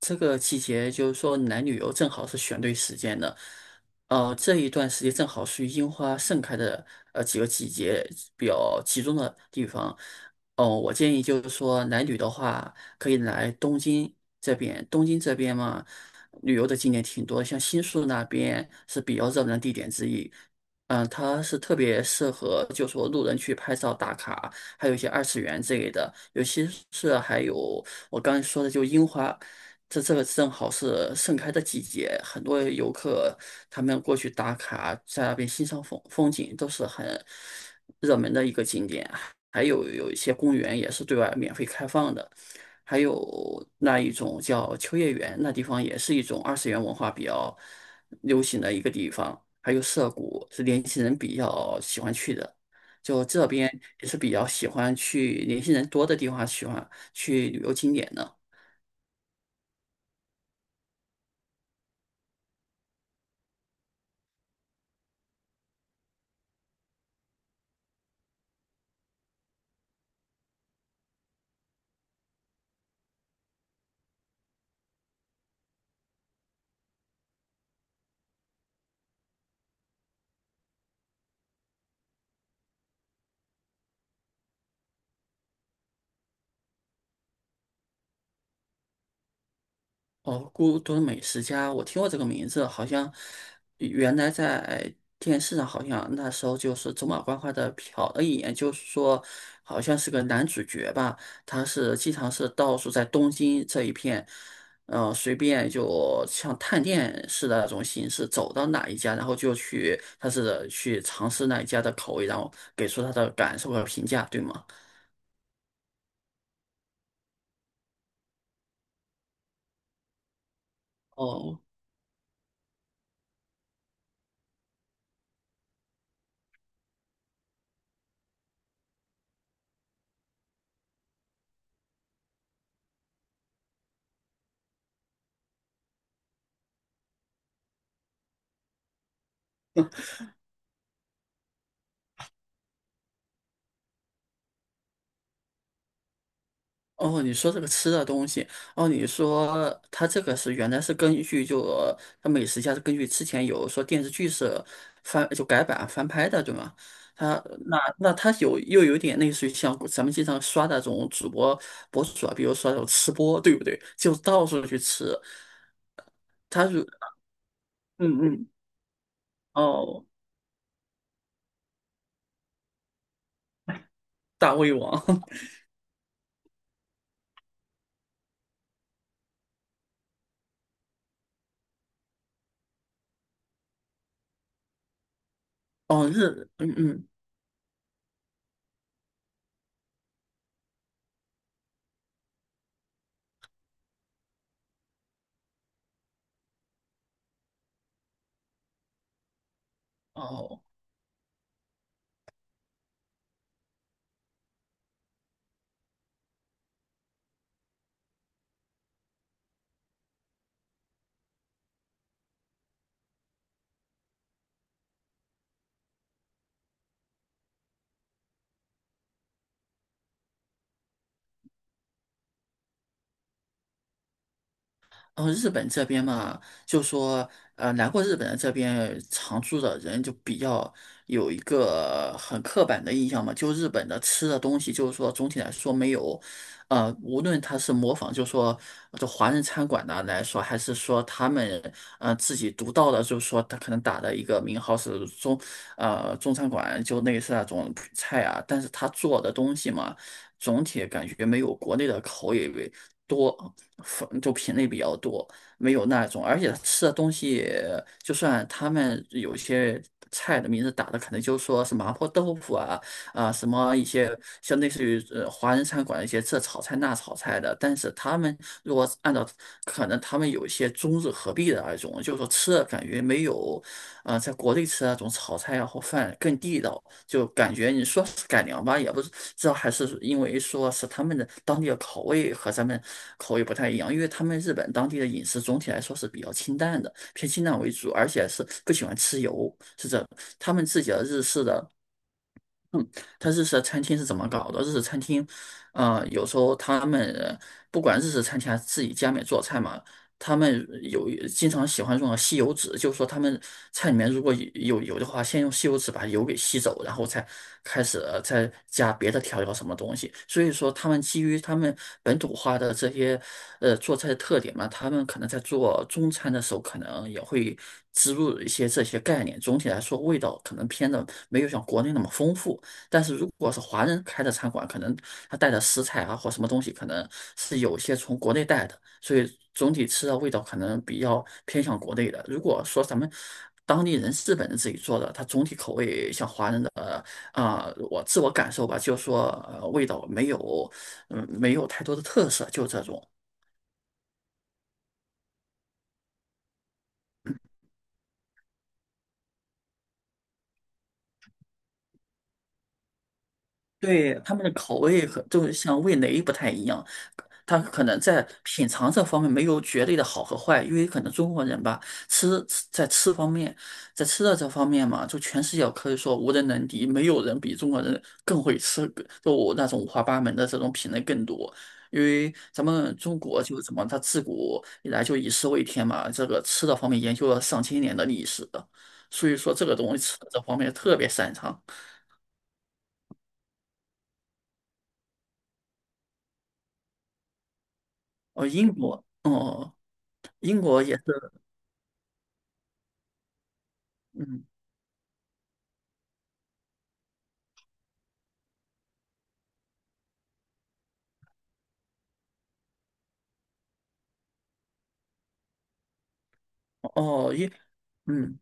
这个季节就是说来旅游正好是选对时间的，这一段时间正好属于樱花盛开的几个季节比较集中的地方。哦、我建议就是说来旅的话，可以来东京这边。东京这边嘛，旅游的景点挺多，像新宿那边是比较热门的地点之一。它是特别适合，就说路人去拍照打卡，还有一些二次元之类的，尤其是还有我刚才说的，就樱花。这个正好是盛开的季节，很多游客他们过去打卡，在那边欣赏风景都是很热门的一个景点。还有一些公园也是对外免费开放的，还有那一种叫秋叶原，那地方也是一种二次元文化比较流行的一个地方。还有涩谷是年轻人比较喜欢去的，就这边也是比较喜欢去年轻人多的地方，喜欢去旅游景点的。哦，孤独美食家，我听过这个名字，好像原来在电视上，好像那时候就是走马观花的瞟了一眼，就是说好像是个男主角吧，他是经常是到处在东京这一片，嗯，随便就像探店似的那种形式，走到哪一家，然后就去，他是去尝试那一家的口味，然后给出他的感受和评价，对吗？哦。哦，你说这个吃的东西，哦，你说它这个是原来是根据它美食家是根据之前有说电视剧是改版翻拍的，对吗？它那它有又有点类似于像咱们经常刷那种主播博主啊，比如说那种吃播，对不对？就到处去吃，它是嗯嗯。哦，大胃王 哦。日嗯嗯哦。然后日本这边嘛，就说来过日本的这边常住的人就比较有一个很刻板的印象嘛，就日本的吃的东西，就是说总体来说没有，无论他是模仿，就说这华人餐馆的来说，还是说他们自己独到的，就是说他可能打的一个名号是中中餐馆，就类似那种菜啊，但是他做的东西嘛，总体感觉没有国内的口味。多，粉就品类比较多，没有那种，而且吃的东西，就算他们有些菜的名字打的可能就说是麻婆豆腐啊，啊什么一些像类似于华人餐馆一些这炒菜那炒菜的，但是他们如果按照可能他们有一些中日合璧的那种，就是说吃的感觉没有。啊，在国内吃那种炒菜啊或饭更地道，就感觉你说是改良吧，也不是，这还是因为说是他们的当地的口味和咱们口味不太一样，因为他们日本当地的饮食总体来说是比较清淡的，偏清淡为主，而且是不喜欢吃油，是这他们自己的日式的嗯，它日式餐厅是怎么搞的？日式餐厅，有时候他们不管日式餐厅还是自己家里面做菜嘛，他们有经常喜欢用吸油纸，就是说他们菜里面如果有油的话，先用吸油纸把油给吸走，然后才开始再加别的调料什么东西。所以说，他们基于他们本土化的这些做菜的特点嘛，他们可能在做中餐的时候，可能也会植入一些这些概念。总体来说，味道可能偏的没有像国内那么丰富。但是如果是华人开的餐馆，可能他带的食材啊或什么东西，可能是有些从国内带的，所以总体吃的味道可能比较偏向国内的。如果说咱们当地人日本人自己做的，它总体口味像华人的我自我感受吧，就是说、味道没有，嗯，没有太多的特色，就这种。对，他们的口味和就是像味蕾不太一样，他可能在品尝这方面没有绝对的好和坏，因为可能中国人吧，吃吃在吃方面，在吃的这方面嘛，就全世界可以说无人能敌，没有人比中国人更会吃，就我那种五花八门的这种品类更多。因为咱们中国就怎么，它自古以来就以食为天嘛，这个吃的方面研究了上千年的历史的所以说这个东西吃的这方面特别擅长。哦，英国。哦。英国也是，嗯，哦，英，嗯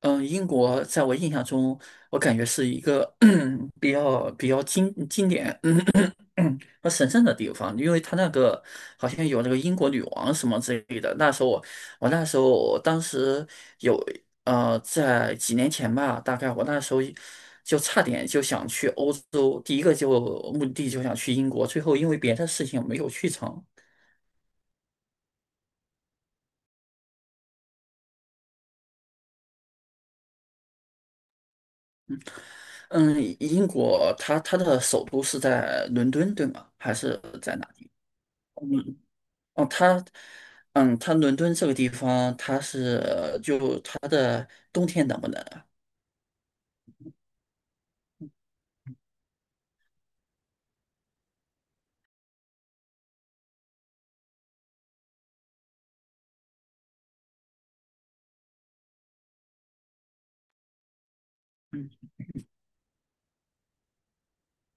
嗯，英国在我印象中，我感觉是一个 比较经典嗯和神圣的地方，因为它那个好像有那个英国女王什么之类的。那时候我当时有在几年前吧，大概我那时候就差点就想去欧洲，第一个就目的地就想去英国，最后因为别的事情没有去成。嗯，英国它的首都是在伦敦，对吗？还是在哪嗯，哦，它，嗯，它伦敦这个地方，它是就它的冬天冷不冷啊？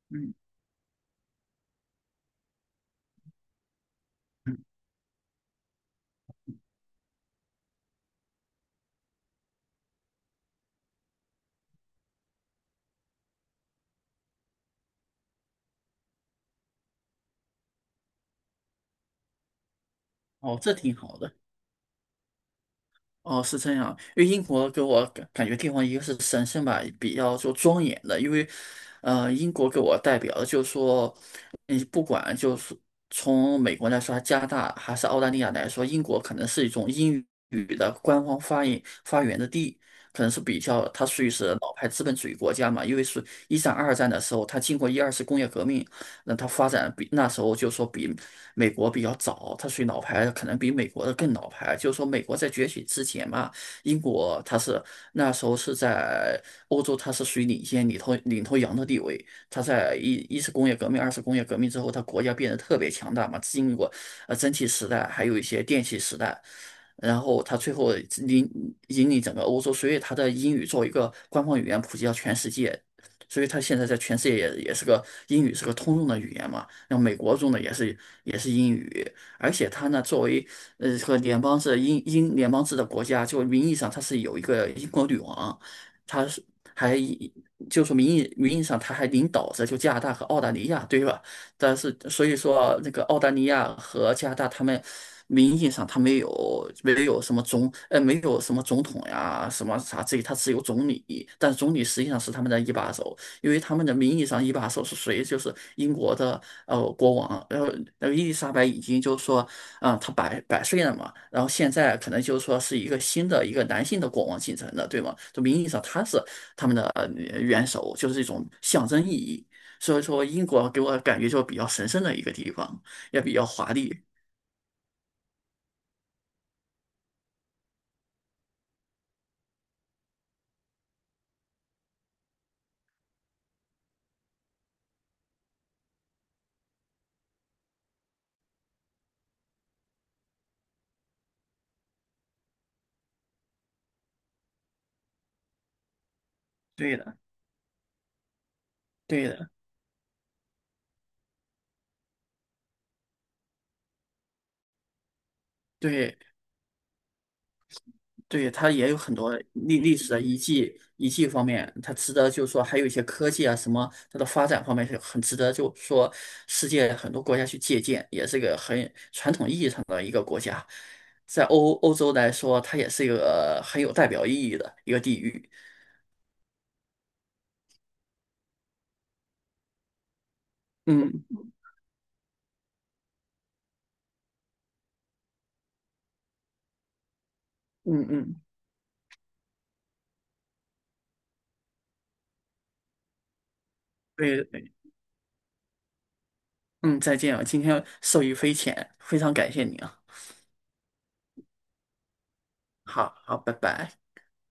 嗯嗯，哦，这挺好的。哦，是这样，因为英国给我感觉地方一个是神圣吧，比较就庄严的，因为，英国给我代表的就是说，你不管就是从美国来说，加拿大还是澳大利亚来说，英国可能是一种英语的官方发音发源的地，可能是比较它属于是老牌资本主义国家嘛，因为是一战、二战的时候，它经过一二次工业革命，那它发展比那时候就说比美国比较早，它属于老牌，可能比美国的更老牌。就是说美国在崛起之前嘛，英国它是那时候是在欧洲，它是属于领先领头羊的地位。它在一次工业革命、二次工业革命之后，它国家变得特别强大嘛，经历过蒸汽时代，还有一些电气时代。然后它最后引引领整个欧洲，所以它的英语作为一个官方语言普及到全世界，所以他现在在全世界也是个英语是个通用的语言嘛。那美国用的也是英语，而且他呢作为和联邦制英联邦制的国家，就名义上他是有一个英国女王，他是还以就说名义上他还领导着就加拿大和澳大利亚，对吧？但是所以说那个澳大利亚和加拿大他们。名义上他没有什么没有什么总统呀什么啥这，他只有总理，但是总理实际上是他们的一把手。因为他们的名义上一把手是谁，就是英国的国王，然后那个伊丽莎白已经就是说，她百岁了嘛，然后现在可能就是说是一个新的一个男性的国王继承的，对吗？就名义上他是他们的元首，就是一种象征意义。所以说，英国给我感觉就比较神圣的一个地方，也比较华丽。对的，对的，对。对，它也有很多历史的遗迹，遗迹方面，它值得就是说，还有一些科技啊什么，它的发展方面是很值得，就是说世界很多国家去借鉴，也是个很传统意义上的一个国家，在欧洲来说，它也是一个很有代表意义的一个地域。嗯嗯嗯，对对，嗯，再见啊，今天受益匪浅，非常感谢你啊，好好，拜拜。